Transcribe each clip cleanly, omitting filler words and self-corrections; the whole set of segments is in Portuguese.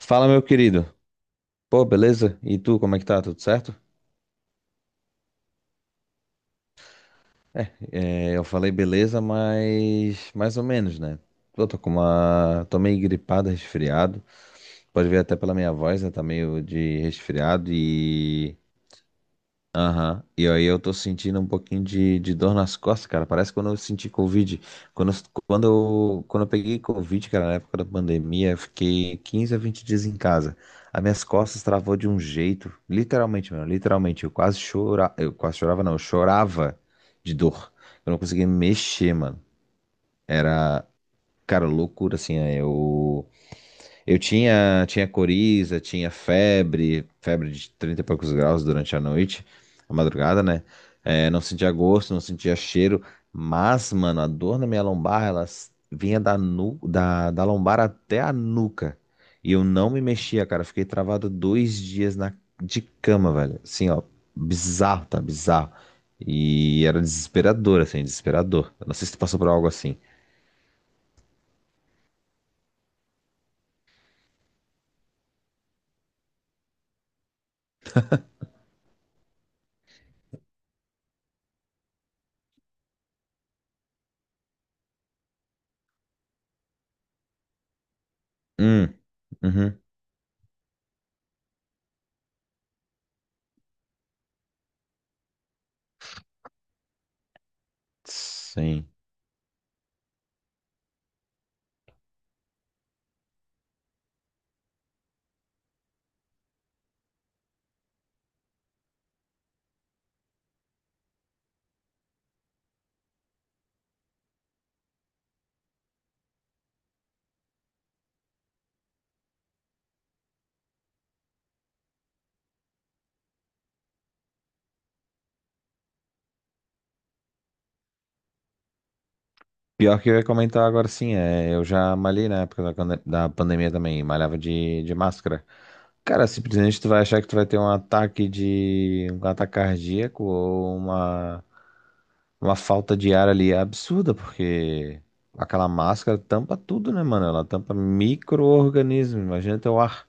Fala, meu querido. Pô, beleza? E tu, como é que tá? Tudo certo? É, eu falei beleza, mas mais ou menos, né? Eu tô com uma. Tô meio gripado, resfriado. Pode ver até pela minha voz, né? Tá meio de resfriado E aí eu tô sentindo um pouquinho de dor nas costas, cara. Parece quando eu senti Covid. Quando, eu- quando eu peguei Covid, cara, na época da pandemia, eu fiquei 15 a 20 dias em casa. As minhas costas travou de um jeito, literalmente, mano, literalmente. Eu chorava de dor. Eu não conseguia me mexer, mano. Era, cara, loucura, assim, né? Eu tinha coriza, tinha febre, febre de 30 e poucos graus durante a noite, a madrugada, né? É, não sentia gosto, não sentia cheiro, mas, mano, a dor na minha lombar, ela vinha da lombar até a nuca. E eu não me mexia, cara. Fiquei travado dois dias na, de cama, velho. Assim, ó, bizarro, tá? Bizarro. E era desesperador, assim, desesperador. Eu não sei se tu passou por algo assim. Hum, uhum, sim. Pior que eu ia comentar agora sim, é, eu já malhei na época da pandemia também, malhava de máscara. Cara, simplesmente tu vai achar que tu vai ter um ataque um ataque cardíaco ou uma falta de ar ali absurda, porque aquela máscara tampa tudo, né, mano? Ela tampa micro-organismo, imagina teu ar.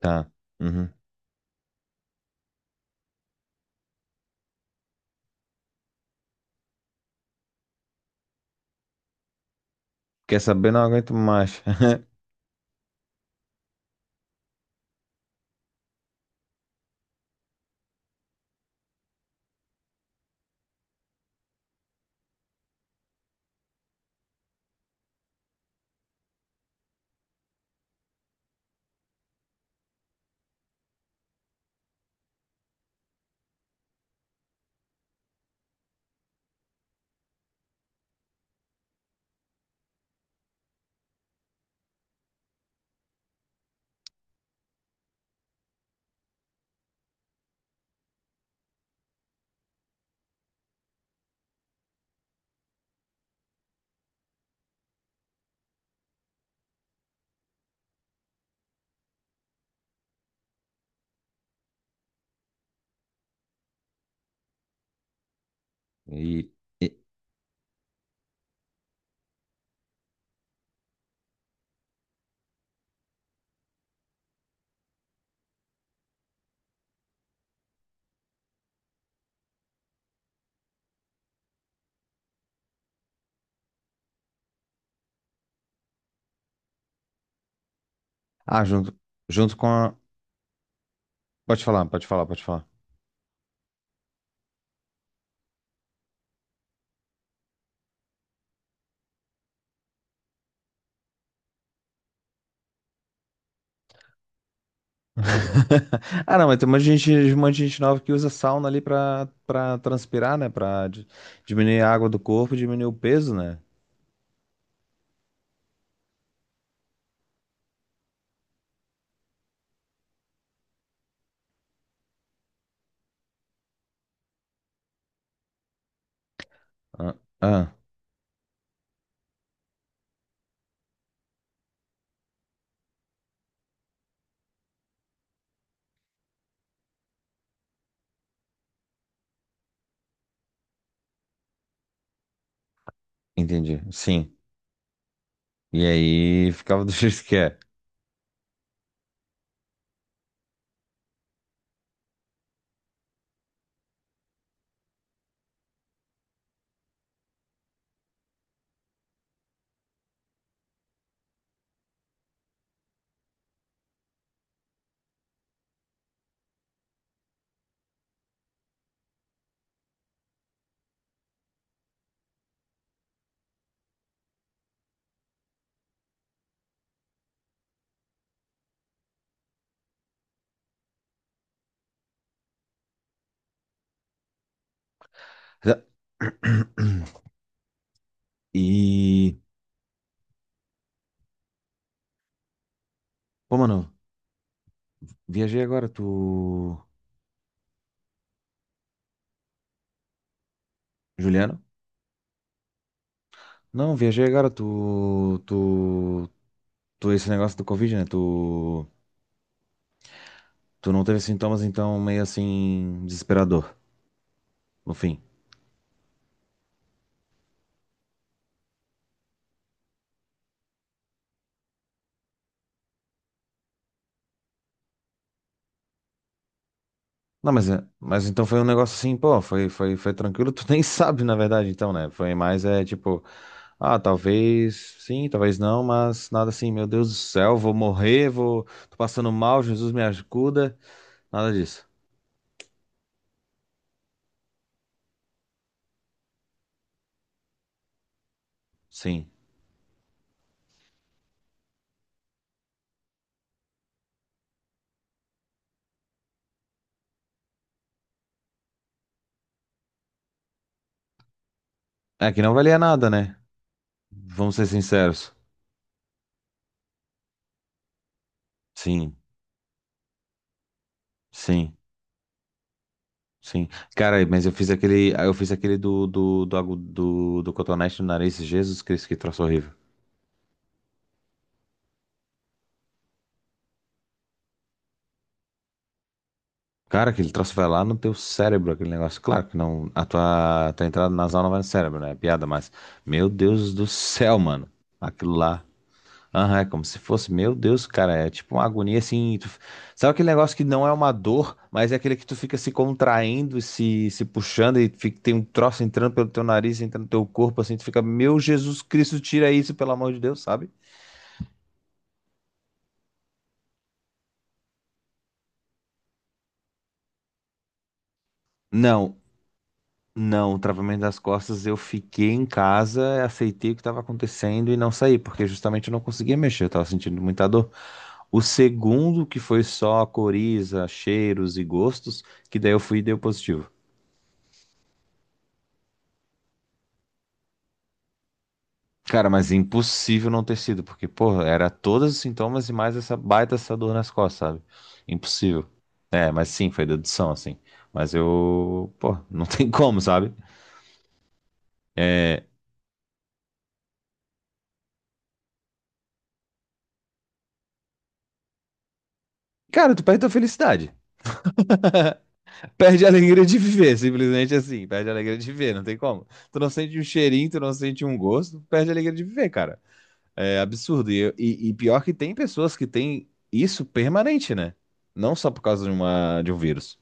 Tá, uhum. Quer saber? Não aguento mais. E, e- junto, junto com a... Pode falar, pode falar, pode falar. Ah, não, mas tem um monte de gente, um monte de gente nova que usa sauna ali pra transpirar, né? Diminuir a água do corpo, diminuir o peso, né? Ah, ah, entendi. Sim. E aí ficava do jeito que é. E. Pô, mano, viajei agora, tu. Juliano? Não, viajei agora, Tu, esse negócio do Covid, né? Tu não teve sintomas, então meio assim, desesperador, no fim. Não, mas então foi um negócio assim, pô, foi tranquilo. Tu nem sabe, na verdade, então, né? Foi mais, é tipo, ah, talvez sim, talvez não, mas nada assim, meu Deus do céu, tô passando mal, Jesus me ajuda. Nada disso. Sim. É que não valia nada, né? Vamos ser sinceros. Sim, sim, sim. Cara, eu fiz aquele do cotonete no nariz, Jesus Cristo, que troço horrível. Cara, aquele troço vai lá no teu cérebro, aquele negócio. Claro que não, tua entrada nasal não vai no cérebro, né? É piada, mas. Meu Deus do céu, mano. Aquilo lá. Aham, é como se fosse. Meu Deus, cara. É tipo uma agonia assim. Sabe aquele negócio que não é uma dor, mas é aquele que tu fica se contraindo, se puxando e fica, tem um troço entrando pelo teu nariz, entrando no teu corpo, assim. Tu fica, meu Jesus Cristo, tira isso, pelo amor de Deus, sabe? Não, Não, o travamento das costas eu fiquei em casa, aceitei o que estava acontecendo e não saí, porque justamente eu não conseguia mexer, eu estava sentindo muita dor. O segundo, que foi só coriza, cheiros e gostos, que daí eu fui e deu positivo. Cara, mas impossível não ter sido, porque, porra, era todos os sintomas e mais essa baita essa dor nas costas, sabe? Impossível. É, mas sim, foi dedução, assim. Mas eu, pô, não tem como, sabe? É... Cara, tu perdeu a felicidade. Perde a alegria de viver, simplesmente assim. Perde a alegria de viver, não tem como. Tu não sente um cheirinho, tu não sente um gosto, perde a alegria de viver, cara. É absurdo. E pior que tem pessoas que têm isso permanente, né? Não só por causa de de um vírus.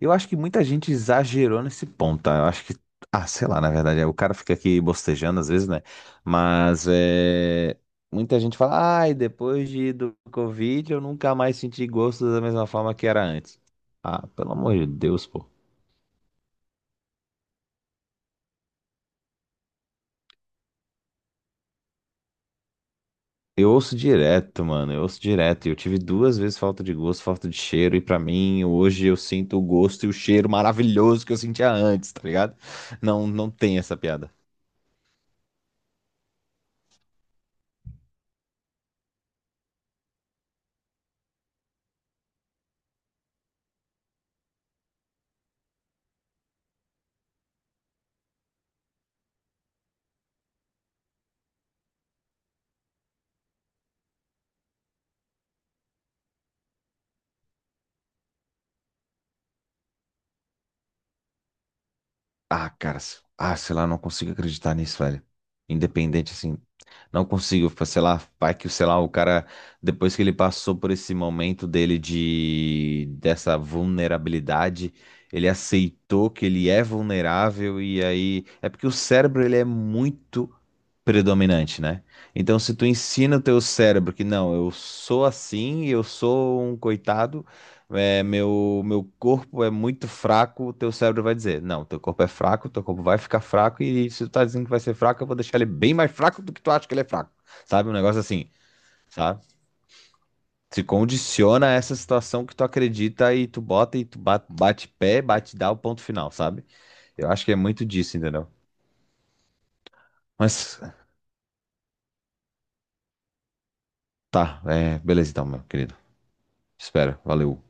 Eu acho que muita gente exagerou nesse ponto, tá? Eu acho que. Ah, sei lá, na verdade. O cara fica aqui bostejando às vezes, né? Mas é. Muita gente fala, ai, depois do Covid eu nunca mais senti gosto da mesma forma que era antes. Ah, pelo amor de Deus, pô. Eu ouço direto, mano. Eu ouço direto. E eu tive 2 vezes falta de gosto, falta de cheiro. E pra mim, hoje eu sinto o gosto e o cheiro maravilhoso que eu sentia antes, tá ligado? Não, não tem essa piada. Ah, cara. Ah, sei lá, não consigo acreditar nisso, velho. Independente, assim. Não consigo, sei lá, vai que, sei lá, o cara, depois que ele passou por esse momento dele de, dessa vulnerabilidade, ele aceitou que ele é vulnerável e aí, é porque o cérebro, ele é muito predominante, né? Então, se tu ensina o teu cérebro que não, eu sou assim, eu sou um coitado, meu corpo é muito fraco, o teu cérebro vai dizer, não, teu corpo é fraco, teu corpo vai ficar fraco, e se tu tá dizendo que vai ser fraco, eu vou deixar ele bem mais fraco do que tu acha que ele é fraco, sabe? Um negócio assim, sabe? Se condiciona a essa situação que tu acredita e tu bota e tu bate pé, bate dá o ponto final, sabe? Eu acho que é muito disso, entendeu? Mas tá, é, beleza então, meu querido. Espero, valeu.